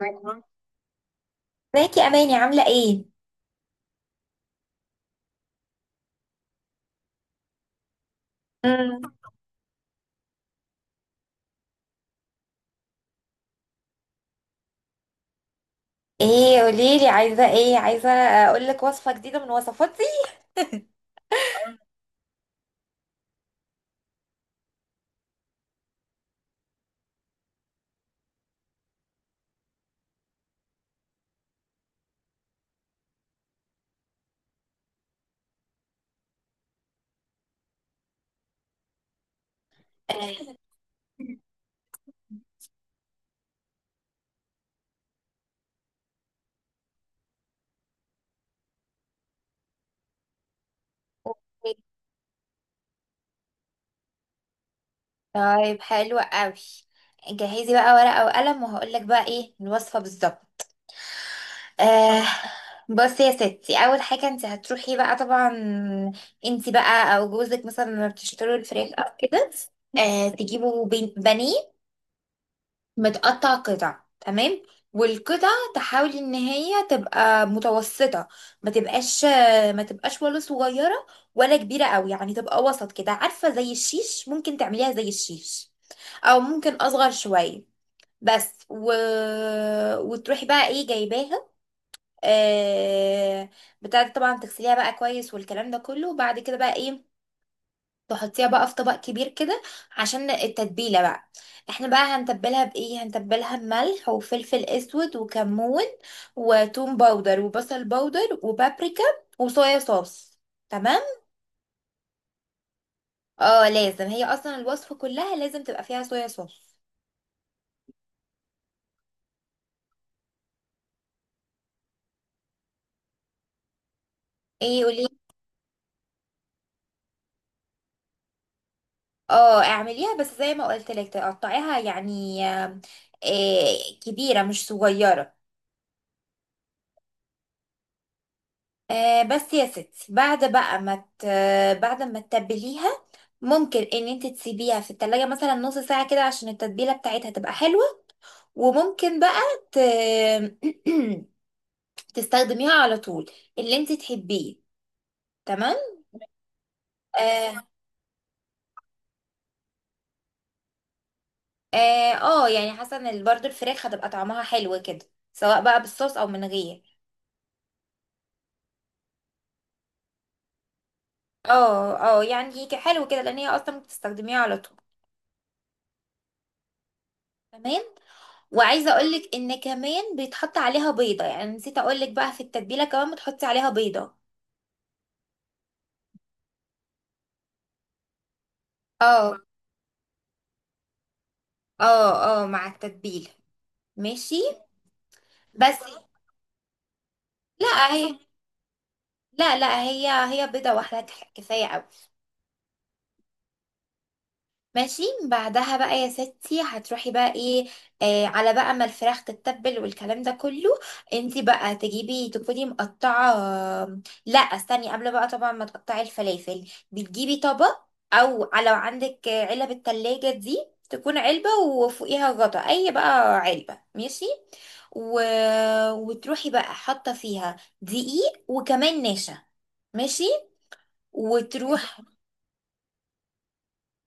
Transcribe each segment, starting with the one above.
ازيك يا اماني، عامله ايه؟ مم. ايه؟ قوليلي، عايزه ايه؟ عايزه اقول لك وصفه جديده من وصفاتي؟ أوكي، طيب حلو قوي. جهزي بقى ورقه وقلم وهقول لك بقى ايه الوصفه بالظبط. آه، بصي يا ستي، اول حاجه انت هتروحي بقى طبعا. انت بقى او جوزك مثلا لما بتشتروا الفراخ او كده. آه، تجيبوا بانيه متقطع قطع، تمام. والقطع تحاول ان هي تبقى متوسطة، ما تبقاش ما تبقاش ولا صغيرة ولا كبيرة قوي، يعني تبقى وسط كده، عارفة؟ زي الشيش، ممكن تعمليها زي الشيش او ممكن اصغر شوية. بس وتروحي بقى ايه جايباها آه... بتاعت، طبعا تغسليها بقى كويس والكلام ده كله، وبعد كده بقى ايه، تحطيها بقى في طبق كبير كده عشان التتبيلة بقى. احنا بقى هنتبلها بإيه؟ هنتبلها بملح وفلفل اسود وكمون وتوم باودر وبصل باودر وبابريكا وصويا صوص. تمام. اه، لازم، هي اصلا الوصفة كلها لازم تبقى فيها صويا صوص. ايه، قولي. اه، اعمليها بس زي ما قلت لك، تقطعيها يعني، إيه، كبيرة مش صغيرة. آه بس يا ستي، بعد بقى ما ت... بعد ما تتبليها، ممكن ان انت تسيبيها في التلاجة مثلا نص ساعة كده عشان التتبيلة بتاعتها تبقى حلوة. وممكن بقى ت... تستخدميها على طول، اللي انت تحبيه. تمام. اه، اه، آه يعني حاسه ان برضو الفراخ هتبقى طعمها حلو كده، سواء بقى بالصوص او من غير. اه، اه، يعني هيك حلو كده، لان هي اصلا بتستخدميها على طول. تمام. وعايزه اقولك ان كمان بيتحط عليها بيضه، يعني نسيت اقولك بقى، في التتبيله كمان بتحطي عليها بيضه. اه، اه، اه، مع التتبيله. ماشي. بس. لا، هي، لا، لا، هي هي بيضه واحده كفايه قوي. ماشي، بعدها بقى يا ستي هتروحي بقى ايه؟ آه، على بقى ما الفراخ تتبل والكلام ده كله، انتي بقى تجيبي تكوني مقطعة. لا، استني، قبل بقى طبعا ما تقطعي الفلافل، بتجيبي طبق، او لو عندك علب التلاجة دي، تكون علبة وفوقيها غطا، اي بقى علبة، ماشي. و... وتروحي بقى حاطة فيها دقيق وكمان نشا. ماشي. وتروح.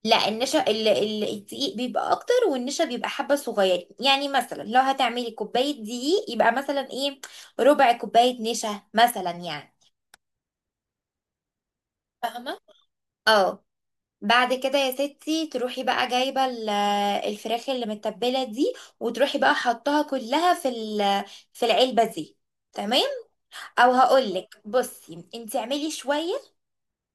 لا، النشا، الدقيق بيبقى اكتر والنشا بيبقى حبه صغيرين، يعني مثلا لو هتعملي كوبايه دقيق، يبقى مثلا ايه، ربع كوبايه نشا مثلا يعني. فاهمه. اه. بعد كده يا ستي، تروحي بقى جايبه الفراخ اللي متبله دي، وتروحي بقى حطها كلها في في العلبه دي. تمام. او هقولك بصي، انت اعملي شويه.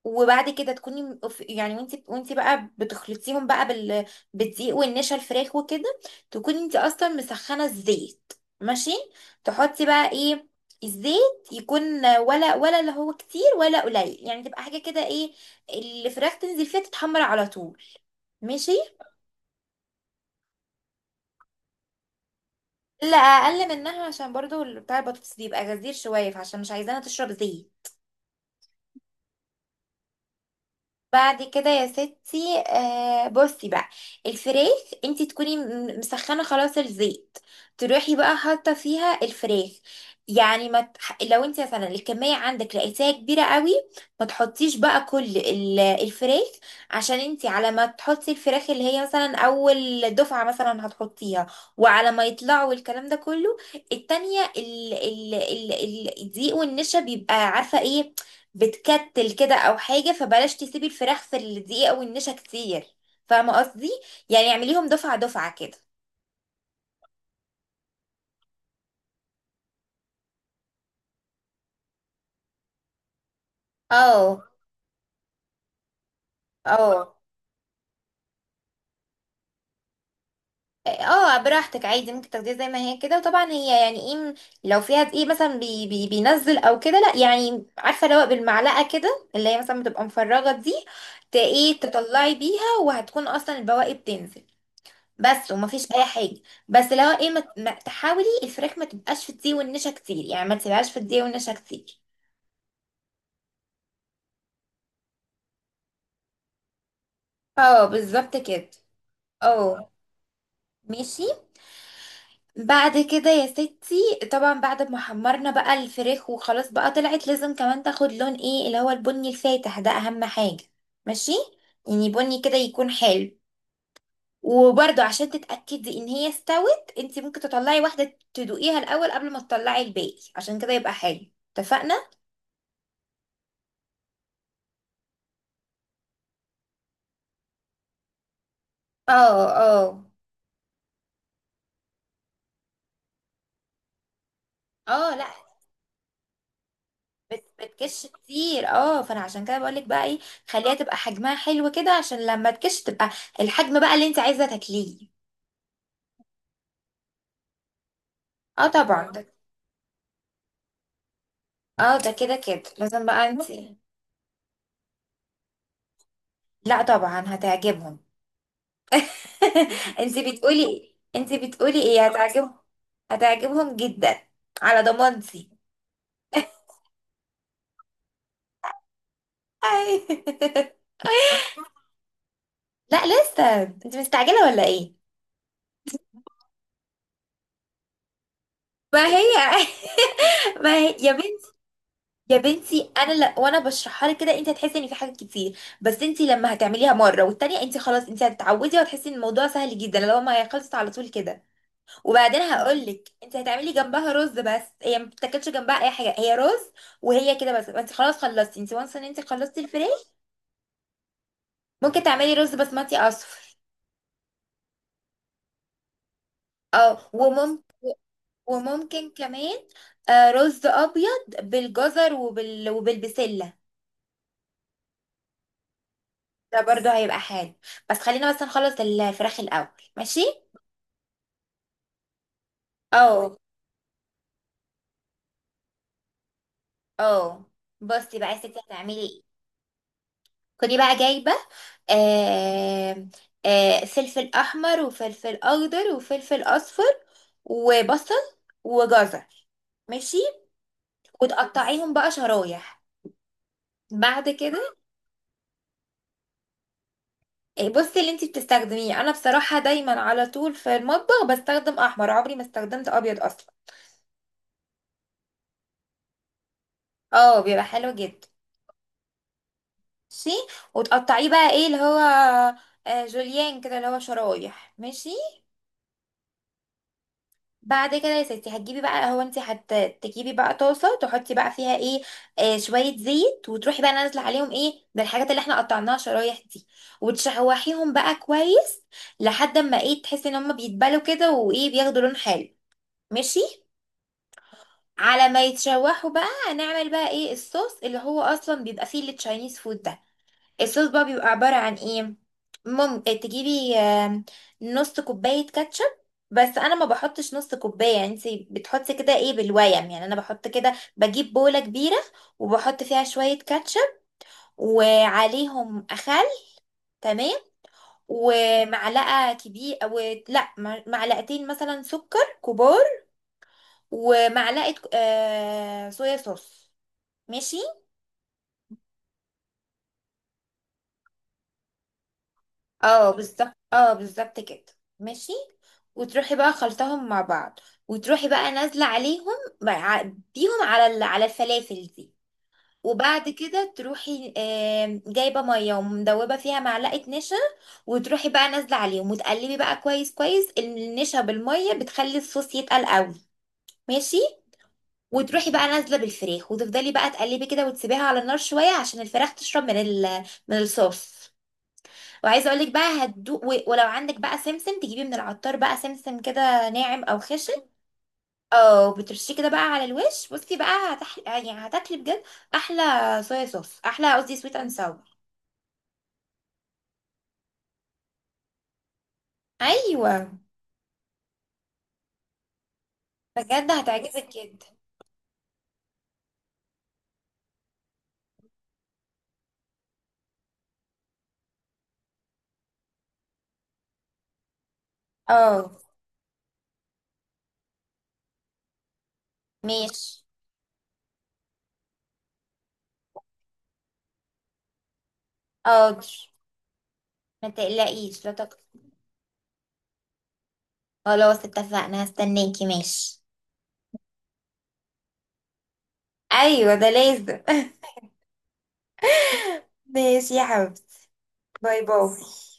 وبعد كده تكوني يعني، وانت بقى بتخلطيهم بقى بالدقيق والنشا، الفراخ وكده، تكوني انت اصلا مسخنه الزيت. ماشي. تحطي بقى ايه، الزيت يكون ولا اللي هو كتير ولا قليل، يعني تبقى حاجه كده، ايه، الفراخ تنزل فيها تتحمر على طول. ماشي. لا، اقل منها، عشان برضو بتاع البطاطس بيبقى غزير شويه، فعشان مش عايزاها تشرب زيت. بعد كده يا ستي، آه بصي بقى، الفراخ انت تكوني مسخنه خلاص الزيت، تروحي بقى حاطه فيها الفراخ. يعني ما تح... لو انت مثلا الكميه عندك لقيتيها كبيره قوي، ما تحطيش بقى كل الفراخ، عشان انت على ما تحطي الفراخ اللي هي مثلا اول دفعه مثلا هتحطيها وعلى ما يطلعوا الكلام ده كله، التانية الدقيق والنشا بيبقى عارفه ايه، بتكتل كده او حاجه، فبلاش تسيبي الفراخ في الدقيق او النشا كتير. فاهمه قصدي؟ يعني اعمليهم دفعه دفعه كده. اه، اه، اه، براحتك، عادي، ممكن تاخديها زي ما هي كده. وطبعا هي يعني ايه، لو فيها دقيق مثلا بي بي بينزل او كده، لا يعني عارفه، لو بالمعلقه كده اللي هي مثلا بتبقى مفرغه دي، ايه، تطلعي بيها وهتكون اصلا البواقي بتنزل. بس، ومفيش اي حاجه. بس لو ايه، تحاولي الفراخ ما تبقاش في الدقيق والنشا كتير، يعني ما تسيبهاش في الدقيق والنشا كتير. اه، بالظبط كده. اه. ماشي. بعد كده يا ستي، طبعا بعد ما حمرنا بقى الفراخ وخلاص بقى طلعت، لازم كمان تاخد لون، ايه اللي هو البني الفاتح ده، اهم حاجة. ماشي. يعني بني كده يكون حلو. وبرده عشان تتأكدي ان هي استوت، انت ممكن تطلعي واحدة تدوقيها الاول قبل ما تطلعي الباقي، عشان كده يبقى حلو. اتفقنا؟ اه، اه، اه. لا، بتكش كتير، اه، فانا عشان كده بقولك بقى ايه، خليها تبقى حجمها حلو كده، عشان لما تكش تبقى الحجم بقى اللي انت عايزه تاكليه. اه، طبعا ده. اه، ده كده كده لازم بقى. انت لا، طبعا هتعجبهم. انت بتقولي ايه؟ انت بتقولي ايه؟ هتعجبهم. هتعجبهم جدا، على ضمانتي. أي. لا، لسه، انت مستعجله ولا ايه؟ ما هي. ما هي يا بنتي. يا بنتي، انا وانا بشرحها لك كده، انت هتحسي ان في حاجات كتير، بس انت لما هتعمليها مره والتانيه، انت خلاص، انت هتتعودي وهتحسي ان الموضوع سهل جدا، لو ما هي خلصت على طول كده. وبعدين هقول لك، انت هتعملي جنبها رز، بس هي ما بتاكلش جنبها اي حاجه، هي رز. وهي كده بس، انت خلاص خلصتي، انت وانس ان انت خلصتي الفراخ. ممكن تعملي رز بسمتي اصفر. اه، وممكن، وممكن كمان، آه، رز ابيض بالجزر وبالبسله. ده برضه هيبقى حلو. بس خلينا بس نخلص الفراخ الاول. ماشي. اه، اه، بصي بقى يا ستي هتعملي ايه. كني بقى جايبه آه فلفل احمر وفلفل اخضر وفلفل اصفر وبصل وجزر، ماشي، وتقطعيهم بقى شرايح. بعد كده، آه، بصي، اللي انتي بتستخدميه، انا بصراحه دايما على طول في المطبخ بستخدم احمر، عمري ما استخدمت ابيض اصلا. اه، بيبقى حلو جدا. ماشي. وتقطعيه بقى ايه اللي هو، آه، جوليان كده، اللي هو شرايح. ماشي. بعد كده يا ستي، هتجيبي بقى، هو انت هتجيبي بقى طاسه، تحطي بقى فيها ايه، آه، شويه زيت، وتروحي بقى نازله عليهم ايه، بالحاجات اللي احنا قطعناها شرايح دي، وتشوحيهم بقى كويس لحد ما، ايه، تحسي ان هم بيتبلوا كده، وايه، بياخدوا لون حلو. ماشي. على ما يتشوحوا بقى، هنعمل بقى ايه الصوص اللي هو اصلا بيبقى فيه التشاينيز فود ده. الصوص بقى بيبقى عبارة عن ايه، ممكن تجيبي نص كوباية كاتشب. بس انا ما بحطش نص كوباية يعني، انت بتحطي كده ايه بالويم يعني، انا بحط كده، بجيب بولة كبيرة وبحط فيها شوية كاتشب، وعليهم خل، تمام، ومعلقة كبيرة، أو لا، معلقتين مثلا سكر كبار، ومعلقة صويا صوص. ماشي. اه بالظبط، اه بالظبط كده. ماشي. وتروحي بقى خلطهم مع بعض، وتروحي بقى نازله عليهم، مع- بيهم على على الفلافل دي. وبعد كده تروحي جايبه ميه ومدوبه فيها معلقه نشا، وتروحي بقى نازله عليهم وتقلبي بقى كويس كويس. النشا بالميه بتخلي الصوص يتقل قوي. ماشي. وتروحي بقى نازله بالفراخ، وتفضلي بقى تقلبي كده وتسيبيها على النار شويه عشان الفراخ تشرب من ال من الصوص وعايزه اقول لك بقى هتدوق، ولو عندك بقى سمسم، تجيبي من العطار بقى سمسم كده، ناعم او خشن، او بترشيه كده بقى على الوش. بصي بقى يعني هتاكلي بجد احلى صويا صوص، احلى، قصدي سويت اند ساور. ايوه، بجد هتعجبك جدا. اه. ماشي. حاضر، ما تقلقيش، لا تقلقي. خلاص، اتفقنا، هستناكي. ماشي. ايوه، ده لازم. ماشي يا حبيبتي. باي باي.